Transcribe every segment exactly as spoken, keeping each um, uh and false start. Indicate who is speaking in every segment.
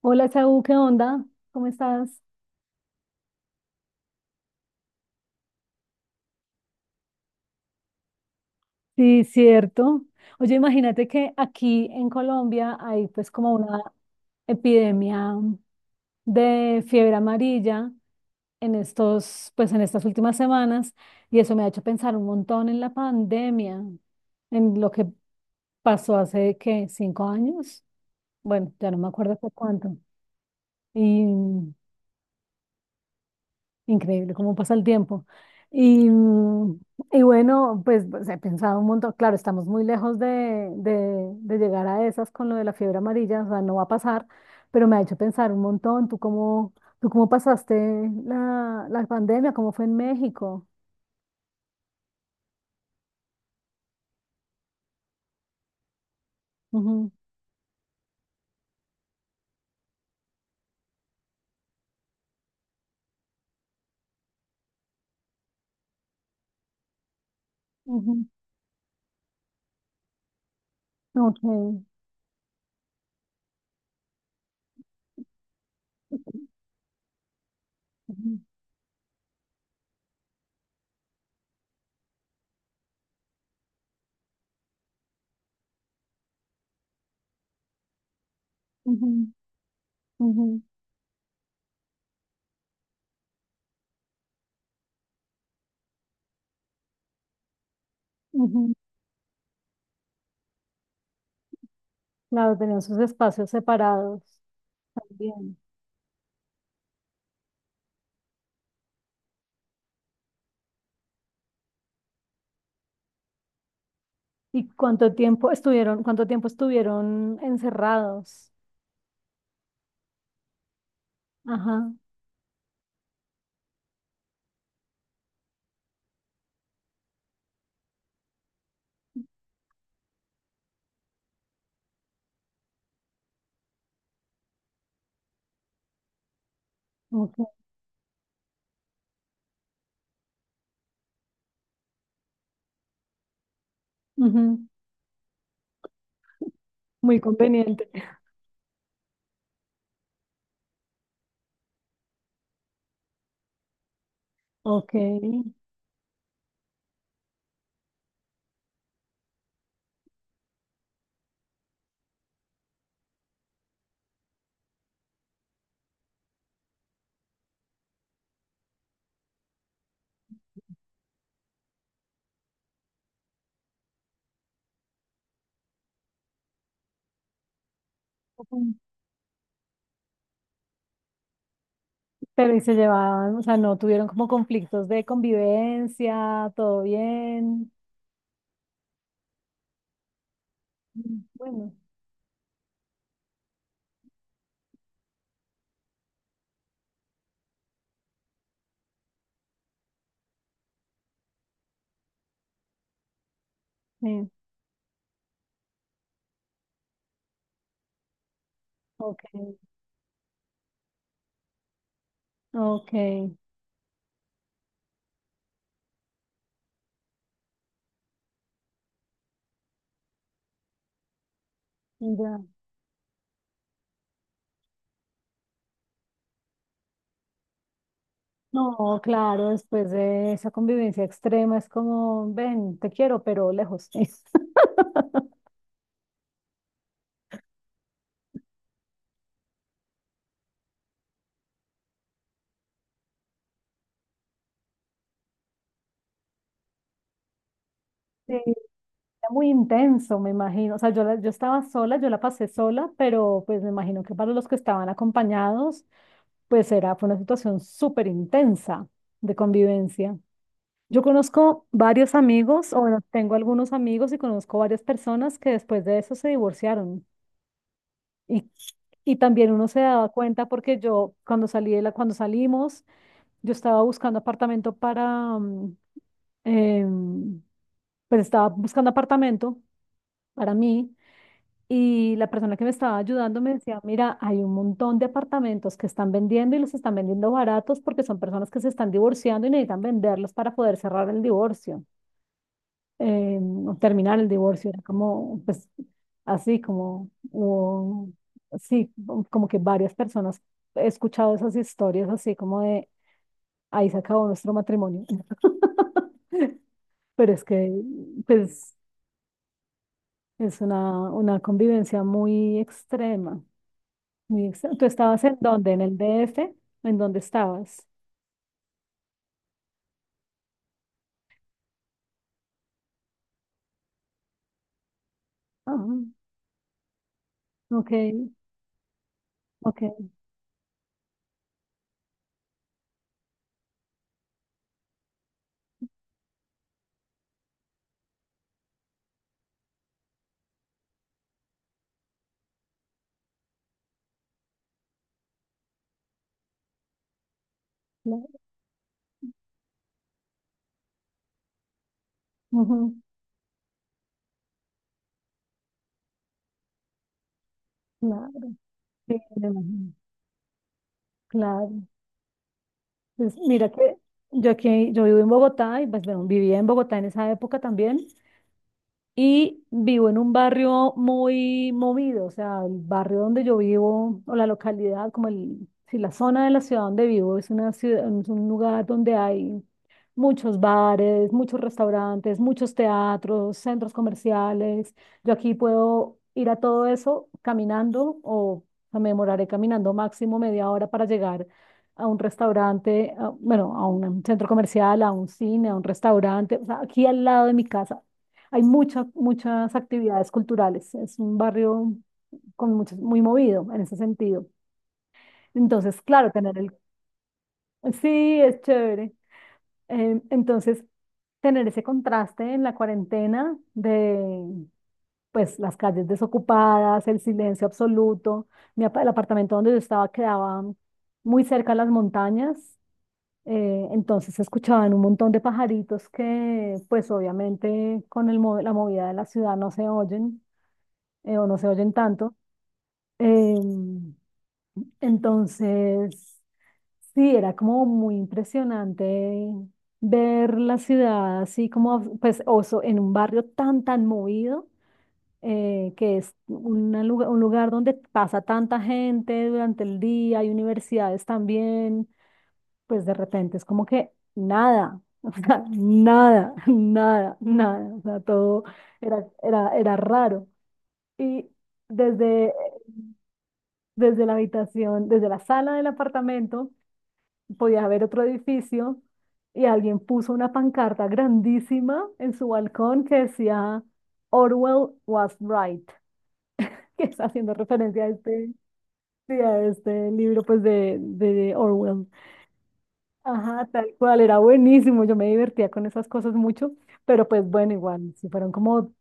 Speaker 1: Hola, Saúl, ¿qué onda? ¿Cómo estás? Sí, cierto. Oye, imagínate que aquí en Colombia hay pues como una epidemia de fiebre amarilla en estos, pues en estas últimas semanas, y eso me ha hecho pensar un montón en la pandemia, en lo que pasó hace, ¿qué? ¿Cinco años? Bueno, ya no me acuerdo por cuánto. Y increíble cómo pasa el tiempo. Y, mm, y bueno, pues, pues, he pensado un montón, claro, estamos muy lejos de, de- de llegar a esas con lo de la fiebre amarilla, o sea, no va a pasar, pero me ha hecho pensar un montón. ¿Tú cómo, tú cómo pasaste la, la pandemia? ¿Cómo fue en México? Ujú, ujú, ok, ujú, ujú, ujú, ujú. Claro, tenían sus espacios separados también. ¿Y cuánto tiempo estuvieron, cuánto tiempo estuvieron encerrados? Ajá. Ok, ujú. Muy conveniente. Ok. Ujú. Pero ¿y se llevaban? O sea, ¿no tuvieron como conflictos de convivencia, todo bien? Mm, Bueno, sí. Ok, ok. Ya. No, claro, después de esa convivencia extrema es como, ven, te quiero, pero lejos. Sí, era muy intenso, me imagino. O sea, yo, la- yo estaba sola, yo la pasé sola, pero pues me imagino que para los que estaban acompañados. Pues era, fue una situación súper intensa de convivencia. Yo conozco varios amigos, o bueno, tengo algunos amigos y conozco varias personas que después de eso se divorciaron. Y, y también uno se daba cuenta porque yo, cuando salí de la, cuando salimos, yo estaba buscando apartamento para, mm, em, pues estaba buscando apartamento para mí. Y la persona que me estaba ayudando me decía, mira, hay un montón de apartamentos que están vendiendo y los están vendiendo baratos porque son personas que se están divorciando y necesitan venderlos para poder cerrar el divorcio, eh, o terminar el divorcio. Era como, pues, así como, hubo- sí, como que varias personas he escuchado esas historias así como de, ahí se acabó nuestro matrimonio. Pero es que, pues, es una, una convivencia muy extrema. Muy exa- ¿Tú estabas en dónde? ¿En el D F? ¿En dónde estabas? Ah, ok, ok, claro. Ujú, claro, sí, me imagino, claro. Pues mira que yo aquí, yo vivo en Bogotá, y pues bueno, vivía en Bogotá en esa época también, y vivo en un barrio muy movido. O sea, el barrio donde yo vivo o la localidad, como el, si la zona de la ciudad donde vivo es una ciudad, es un lugar donde hay muchos bares, muchos restaurantes, muchos teatros, centros comerciales. Yo aquí puedo ir a todo eso caminando, o me demoraré caminando máximo media hora para llegar a un restaurante, a- bueno, a un centro comercial, a un cine, a un restaurante, o sea, aquí al lado de mi casa. Hay muchas, muchas actividades culturales. Es un barrio con muchos, muy movido en ese sentido. Entonces, claro, tener el... Sí, es chévere. Em, entonces, tener ese contraste en la cuarentena de, pues, las calles desocupadas, el silencio absoluto. Mi apa- el apartamento donde yo estaba quedaba muy cerca a las montañas, eh, entonces se escuchaban un montón de pajaritos que, pues, obviamente con el mo- la movida de la ciudad no se oyen eh, o no se oyen tanto. Em, entonces, sí, era como muy impresionante ver la ciudad así como, pues, oso, en un barrio tan, tan movido, eh, que es una lugar- un lugar donde pasa tanta gente durante el día, hay universidades también, pues de repente es como que nada, o sea, nada, nada, nada, o sea, todo era, era, era raro. Y desde, desde la habitación, desde la sala del apartamento, podías ver otro edificio, y alguien puso una pancarta grandísima en su balcón que decía Orwell was right, que está haciendo referencia a este, sí, a este libro pues de, de Orwell. Ajá, tal cual, era buenísimo, yo me divertía con esas cosas mucho, pero pues bueno, igual, si fueron como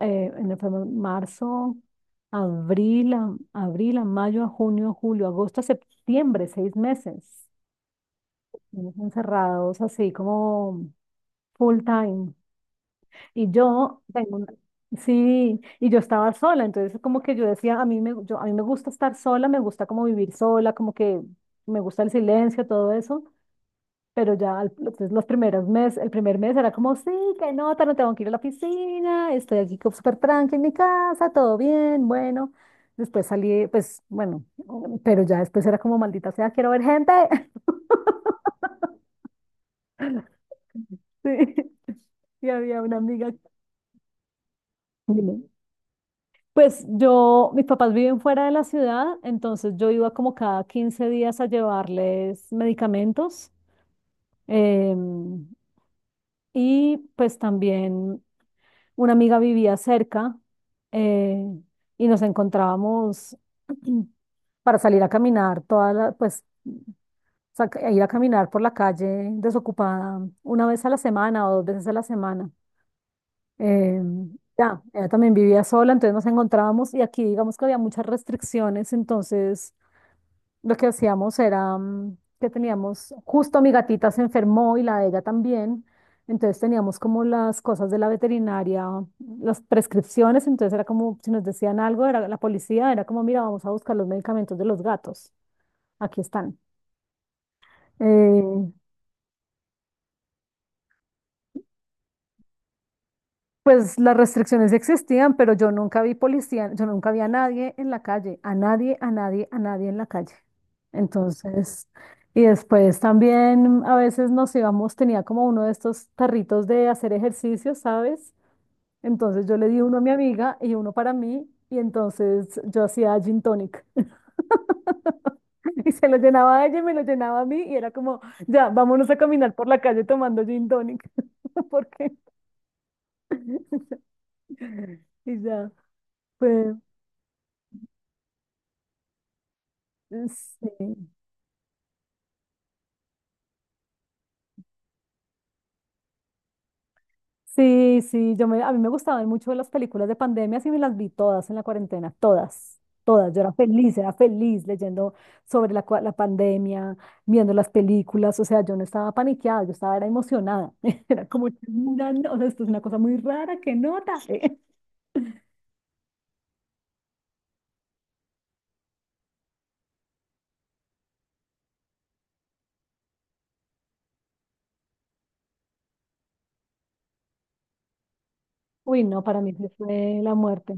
Speaker 1: eh, en el- fue marzo, abril, a- abril, a mayo, a junio, a julio, agosto, a septiembre, seis meses. Estuvimos encerrados así como full time. Y yo tengo una- sí, y yo estaba sola, entonces como que yo decía, a mí me, yo, a mí me gusta estar sola, me gusta como vivir sola, como que me gusta el silencio, todo eso. Pero ya al- entonces los primeros meses, el primer mes era como, sí, qué nota, no tengo que ir a la piscina, estoy aquí como súper tranqui en mi casa, todo bien, bueno. Después salí, pues bueno, pero ya después era como, maldita sea, quiero ver gente. Sí. Y había una amiga. Dime. Pues yo, mis papás viven fuera de la ciudad, entonces yo iba como cada quince días a llevarles medicamentos. em, y pues también una amiga vivía cerca, eh, y nos encontrábamos para salir a caminar, toda la- pues sa- a ir a caminar por la calle desocupada una vez a la semana o dos veces a la semana. Em, ya, ella también vivía sola, entonces nos encontrábamos, y aquí digamos que había muchas restricciones. Entonces lo que hacíamos era mm, que teníamos, justo mi gatita se enfermó y la de ella también, entonces teníamos como las cosas de la veterinaria, las prescripciones, entonces era como si nos decían algo, era la policía, era como, mira, vamos a buscar los medicamentos de los gatos, aquí están. Eh, Pues las restricciones existían, pero yo nunca vi policía, yo nunca vi a nadie en la calle, a nadie, a nadie, a nadie en la calle. Entonces, y después también a veces nos íbamos, tenía como uno de estos tarritos de hacer ejercicio, ¿sabes? Entonces yo le di uno a mi amiga y uno para mí, y entonces yo hacía gin tonic y se lo llenaba a ella y me lo llenaba a mí, y era como, ya, vámonos a caminar por la calle tomando gin tonic, porque, y ya, pues, sí. Sí, sí, yo me, a mí me gustaban mucho las películas de pandemia, y me las vi todas en la cuarentena, todas, todas. Yo era feliz, era feliz leyendo sobre la, cua- la pandemia, viendo las películas, o sea, yo no estaba paniqueada, yo estaba era emocionada. Era como, una, no, o sea, esto es una cosa muy rara, qué nota. Uy, no, para mí sí fue la muerte.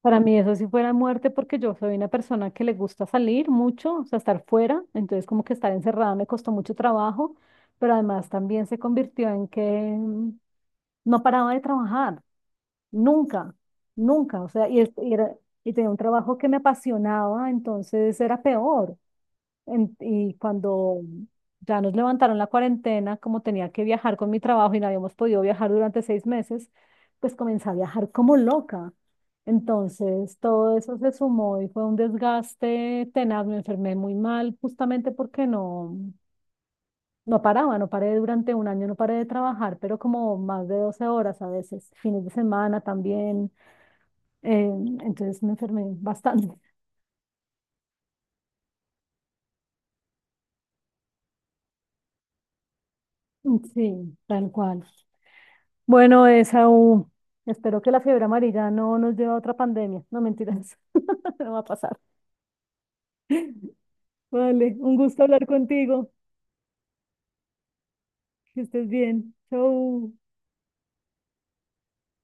Speaker 1: Para mí eso sí fuera muerte porque yo soy una persona que le gusta salir mucho, o sea, estar fuera, entonces como que estar encerrada me costó mucho trabajo, pero además también se convirtió en que mm, no paraba de trabajar, nunca, nunca, o sea, y, es- y era, y tenía un trabajo que me apasionaba, entonces era peor, en- y cuando ya nos levantaron la cuarentena, como tenía que viajar con mi trabajo y no habíamos podido viajar durante seis meses, pues comencé a viajar como loca. Entonces, todo eso se sumó y fue un desgaste tenaz. Me enfermé muy mal justamente porque no, no paraba, no paré durante un año, no paré de trabajar, pero como más de doce horas a veces, fines de semana también. eh, entonces me enfermé bastante. Sí, tal cual. Bueno, Esaú, espero que la fiebre amarilla no nos lleve a otra pandemia. No, mentiras, no va a pasar. Vale, un gusto hablar contigo. Que estés bien. Chau.